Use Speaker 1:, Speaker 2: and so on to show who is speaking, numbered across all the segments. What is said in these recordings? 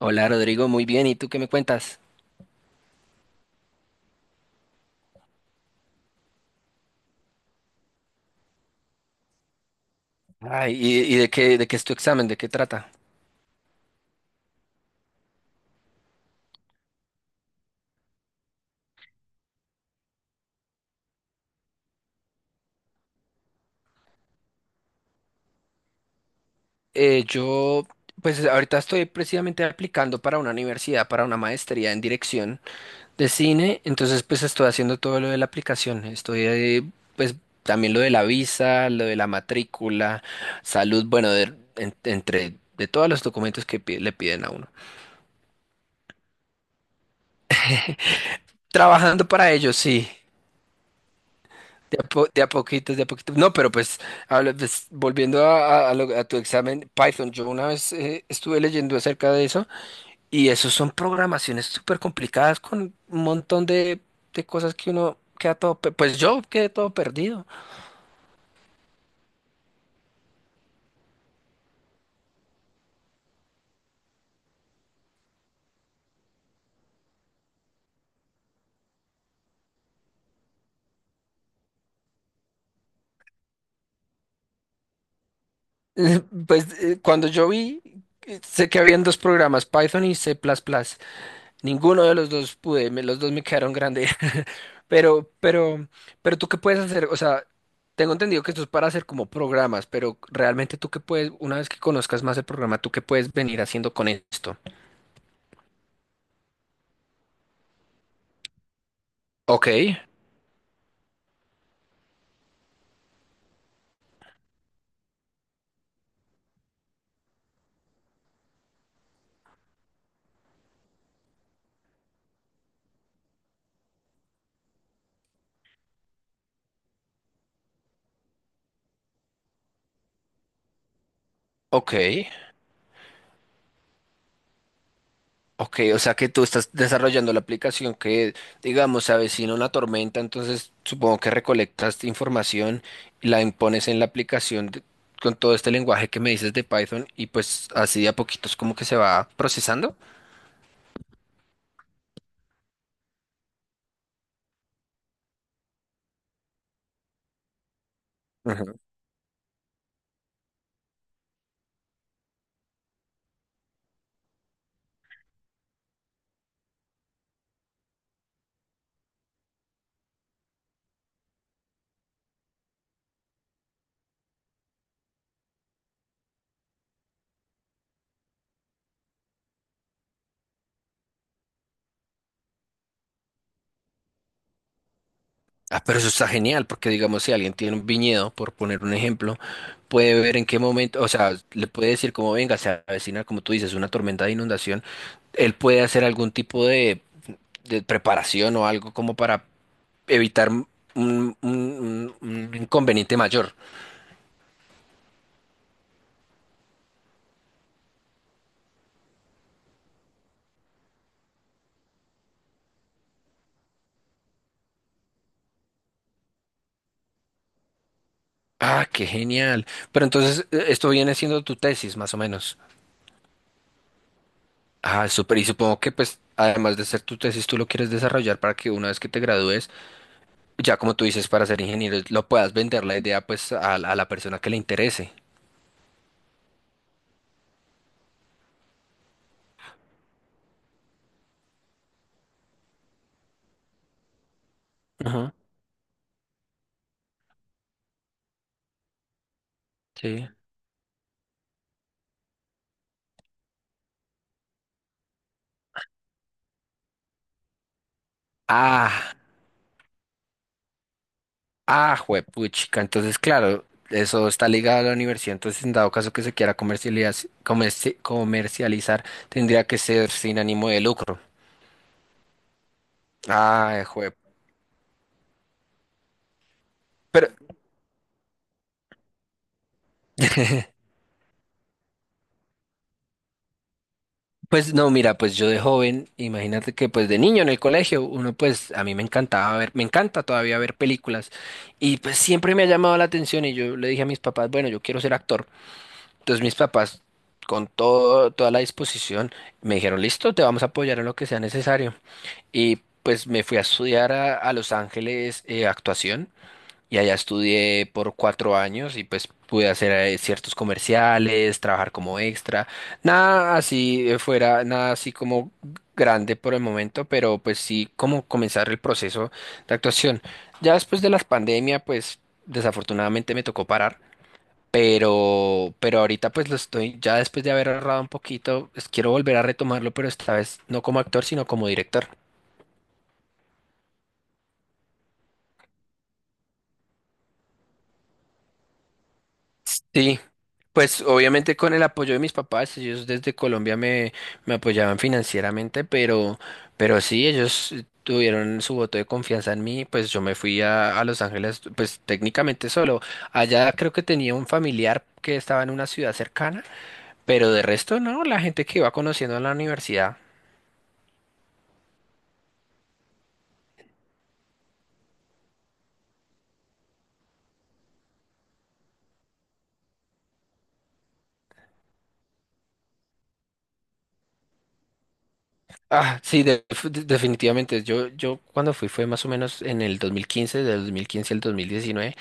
Speaker 1: Hola Rodrigo, muy bien. ¿Y tú qué me cuentas? Ay, ¿y de qué es tu examen? ¿De qué trata? Eh, yo, pues ahorita estoy precisamente aplicando para una universidad, para una maestría en dirección de cine. Entonces, pues estoy haciendo todo lo de la aplicación. Estoy, pues también lo de la visa, lo de la matrícula, salud, bueno, de, entre de todos los documentos que le piden a uno. Trabajando para ello, sí. De a, de a poquitos, de a poquitos. No, pero pues, pues, volviendo a, a tu examen Python, yo una vez estuve leyendo acerca de eso y eso son programaciones súper complicadas con un montón de cosas que uno queda todo, pues yo quedé todo perdido. Pues cuando yo vi, sé que habían dos programas, Python y C++. Ninguno de los dos pude, los dos me quedaron grandes. Pero, pero, pero tú qué puedes hacer, o sea, tengo entendido que esto es para hacer como programas, pero realmente tú qué puedes, una vez que conozcas más el programa, tú qué puedes venir haciendo con esto. Ok, ok, ok, o sea que tú estás desarrollando la aplicación que, digamos, se avecina una tormenta, entonces supongo que recolectas información, la impones en la aplicación con todo este lenguaje que me dices de Python y pues así de a poquitos como que se va procesando. Ah, pero eso está genial, porque digamos, si alguien tiene un viñedo, por poner un ejemplo, puede ver en qué momento, o sea, le puede decir como venga, se avecina, como tú dices, una tormenta de inundación, él puede hacer algún tipo de preparación o algo como para evitar un, un inconveniente mayor. Ah, qué genial. Pero entonces, esto viene siendo tu tesis, más o menos. Ah, súper. Y supongo que, pues, además de ser tu tesis, tú lo quieres desarrollar para que una vez que te gradúes, ya como tú dices, para ser ingeniero, lo puedas vender la idea pues a la persona que le interese. Ajá, sí. Ah, ah, juepuchica. Entonces, claro, eso está ligado a la universidad. Entonces, en dado caso que se quiera comercializar, tendría que ser sin ánimo de lucro. Ah, jue. Pero, pues no, mira, pues yo de joven, imagínate que pues de niño en el colegio, uno pues a mí me encantaba ver, me encanta todavía ver películas y pues siempre me ha llamado la atención y yo le dije a mis papás, bueno, yo quiero ser actor. Entonces mis papás con todo, toda la disposición me dijeron, listo, te vamos a apoyar en lo que sea necesario. Y pues me fui a estudiar a Los Ángeles actuación. Y allá estudié por 4 años y pues pude hacer ciertos comerciales, trabajar como extra. Nada así fuera, nada así como grande por el momento, pero pues sí como comenzar el proceso de actuación. Ya después de la pandemia, pues desafortunadamente me tocó parar, pero ahorita pues lo estoy, ya después de haber ahorrado un poquito, pues, quiero volver a retomarlo, pero esta vez no como actor, sino como director. Sí, pues obviamente con el apoyo de mis papás, ellos desde Colombia me, me apoyaban financieramente, pero sí, ellos tuvieron su voto de confianza en mí, pues yo me fui a Los Ángeles, pues técnicamente solo. Allá creo que tenía un familiar que estaba en una ciudad cercana, pero de resto no, la gente que iba conociendo en la universidad. Ah, sí, definitivamente. Yo cuando fui fue más o menos en el 2015, del 2015 al 2019.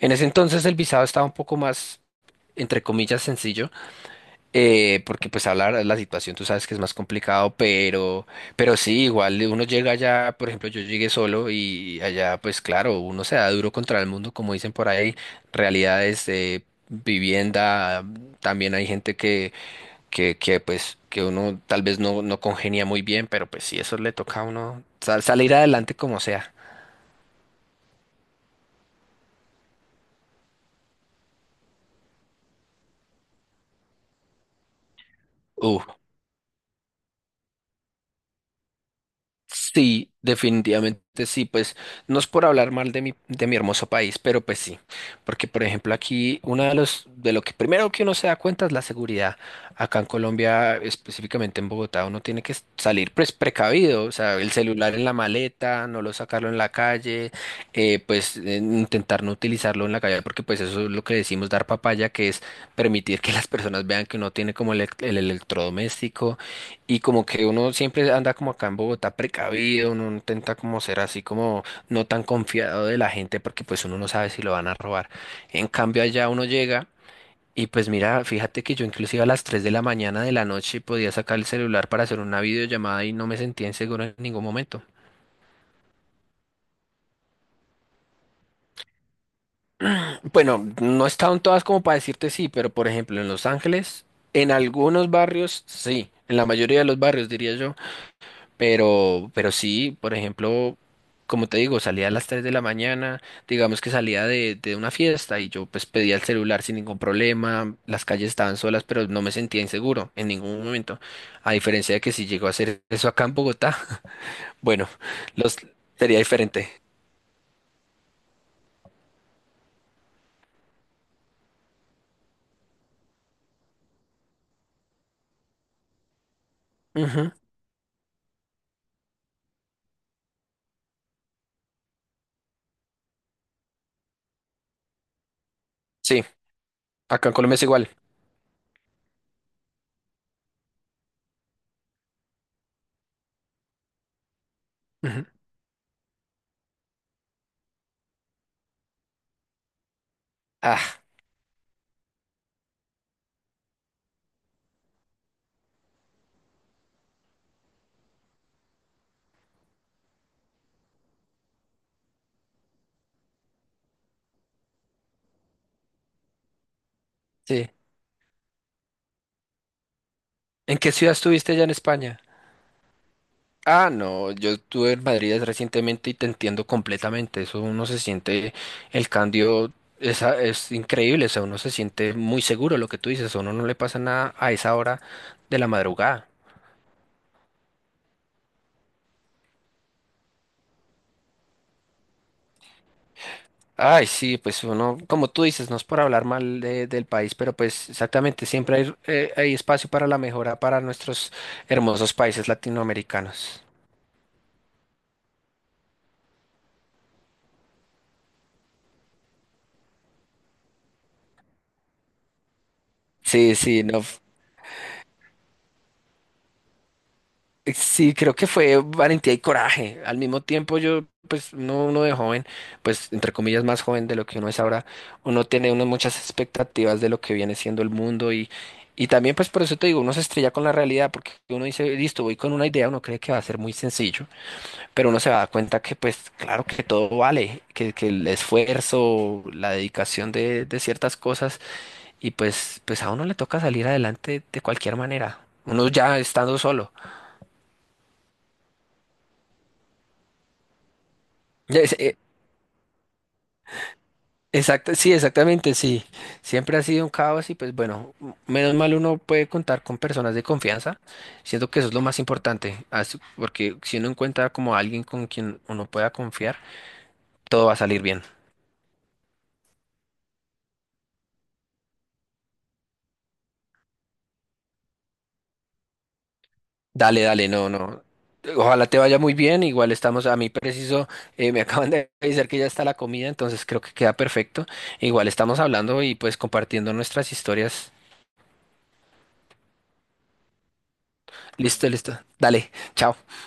Speaker 1: En ese entonces el visado estaba un poco más entre comillas, sencillo, porque pues hablar de la situación, tú sabes que es más complicado, pero sí, igual uno llega allá, por ejemplo, yo llegué solo y allá, pues claro, uno se da duro contra el mundo, como dicen por ahí, realidades de vivienda, también hay gente que, que pues, que uno tal vez no, no congenia muy bien, pero pues sí, eso le toca a uno salir adelante como sea. Uh. Sí, definitivamente sí, pues no es por hablar mal de mi hermoso país, pero pues sí, porque por ejemplo aquí una de los, de lo que primero que uno se da cuenta es la seguridad. Acá en Colombia, específicamente en Bogotá, uno tiene que salir pues precavido, o sea, el celular en la maleta, no lo sacarlo en la calle, intentar no utilizarlo en la calle, porque pues eso es lo que decimos dar papaya, que es permitir que las personas vean que uno tiene como el, el electrodoméstico y como que uno siempre anda como acá en Bogotá precavido, uno intenta como ser así como no tan confiado de la gente porque pues uno no sabe si lo van a robar. En cambio allá uno llega y pues mira, fíjate que yo inclusive a las 3 de la mañana de la noche podía sacar el celular para hacer una videollamada y no me sentía inseguro en ningún momento. Bueno, no estaban todas como para decirte sí, pero por ejemplo en Los Ángeles, en algunos barrios sí, en la mayoría de los barrios diría yo. Pero sí, por ejemplo, como te digo, salía a las 3 de la mañana, digamos que salía de una fiesta y yo pues pedía el celular sin ningún problema, las calles estaban solas, pero no me sentía inseguro en ningún momento. A diferencia de que si llego a hacer eso acá en Bogotá, bueno, los sería diferente. Ujú. Sí, acá en Colombia es igual. Ujú. Ah, sí. ¿En qué ciudad estuviste ya en España? Ah, no, yo estuve en Madrid recientemente y te entiendo completamente. Eso uno se siente, el cambio es increíble. O sea, uno se siente muy seguro lo que tú dices. A uno no le pasa nada a esa hora de la madrugada. Ay, sí, pues uno, como tú dices, no es por hablar mal del país, pero pues exactamente, siempre hay, hay espacio para la mejora para nuestros hermosos países latinoamericanos. Sí, sí, no. Sí, creo que fue valentía y coraje. Al mismo tiempo, yo, pues, no, uno de joven, pues, entre comillas, más joven de lo que uno es ahora, uno tiene unas muchas expectativas de lo que viene siendo el mundo y también, pues, por eso te digo, uno se estrella con la realidad porque uno dice, listo, voy con una idea, uno cree que va a ser muy sencillo, pero uno se va a dar cuenta que, pues, claro que todo vale, que el esfuerzo, la dedicación de ciertas cosas y, pues, a uno le toca salir adelante de cualquier manera, uno ya estando solo. Exacto, sí, exactamente, sí. Siempre ha sido un caos y pues bueno, menos mal uno puede contar con personas de confianza. Siento que eso es lo más importante, porque si uno encuentra como alguien con quien uno pueda confiar, todo va a salir bien. Dale, dale, no, no. Ojalá te vaya muy bien. Igual estamos a mí preciso, me acaban de avisar que ya está la comida, entonces creo que queda perfecto. Igual estamos hablando y pues compartiendo nuestras historias. Listo, listo. Dale, chao.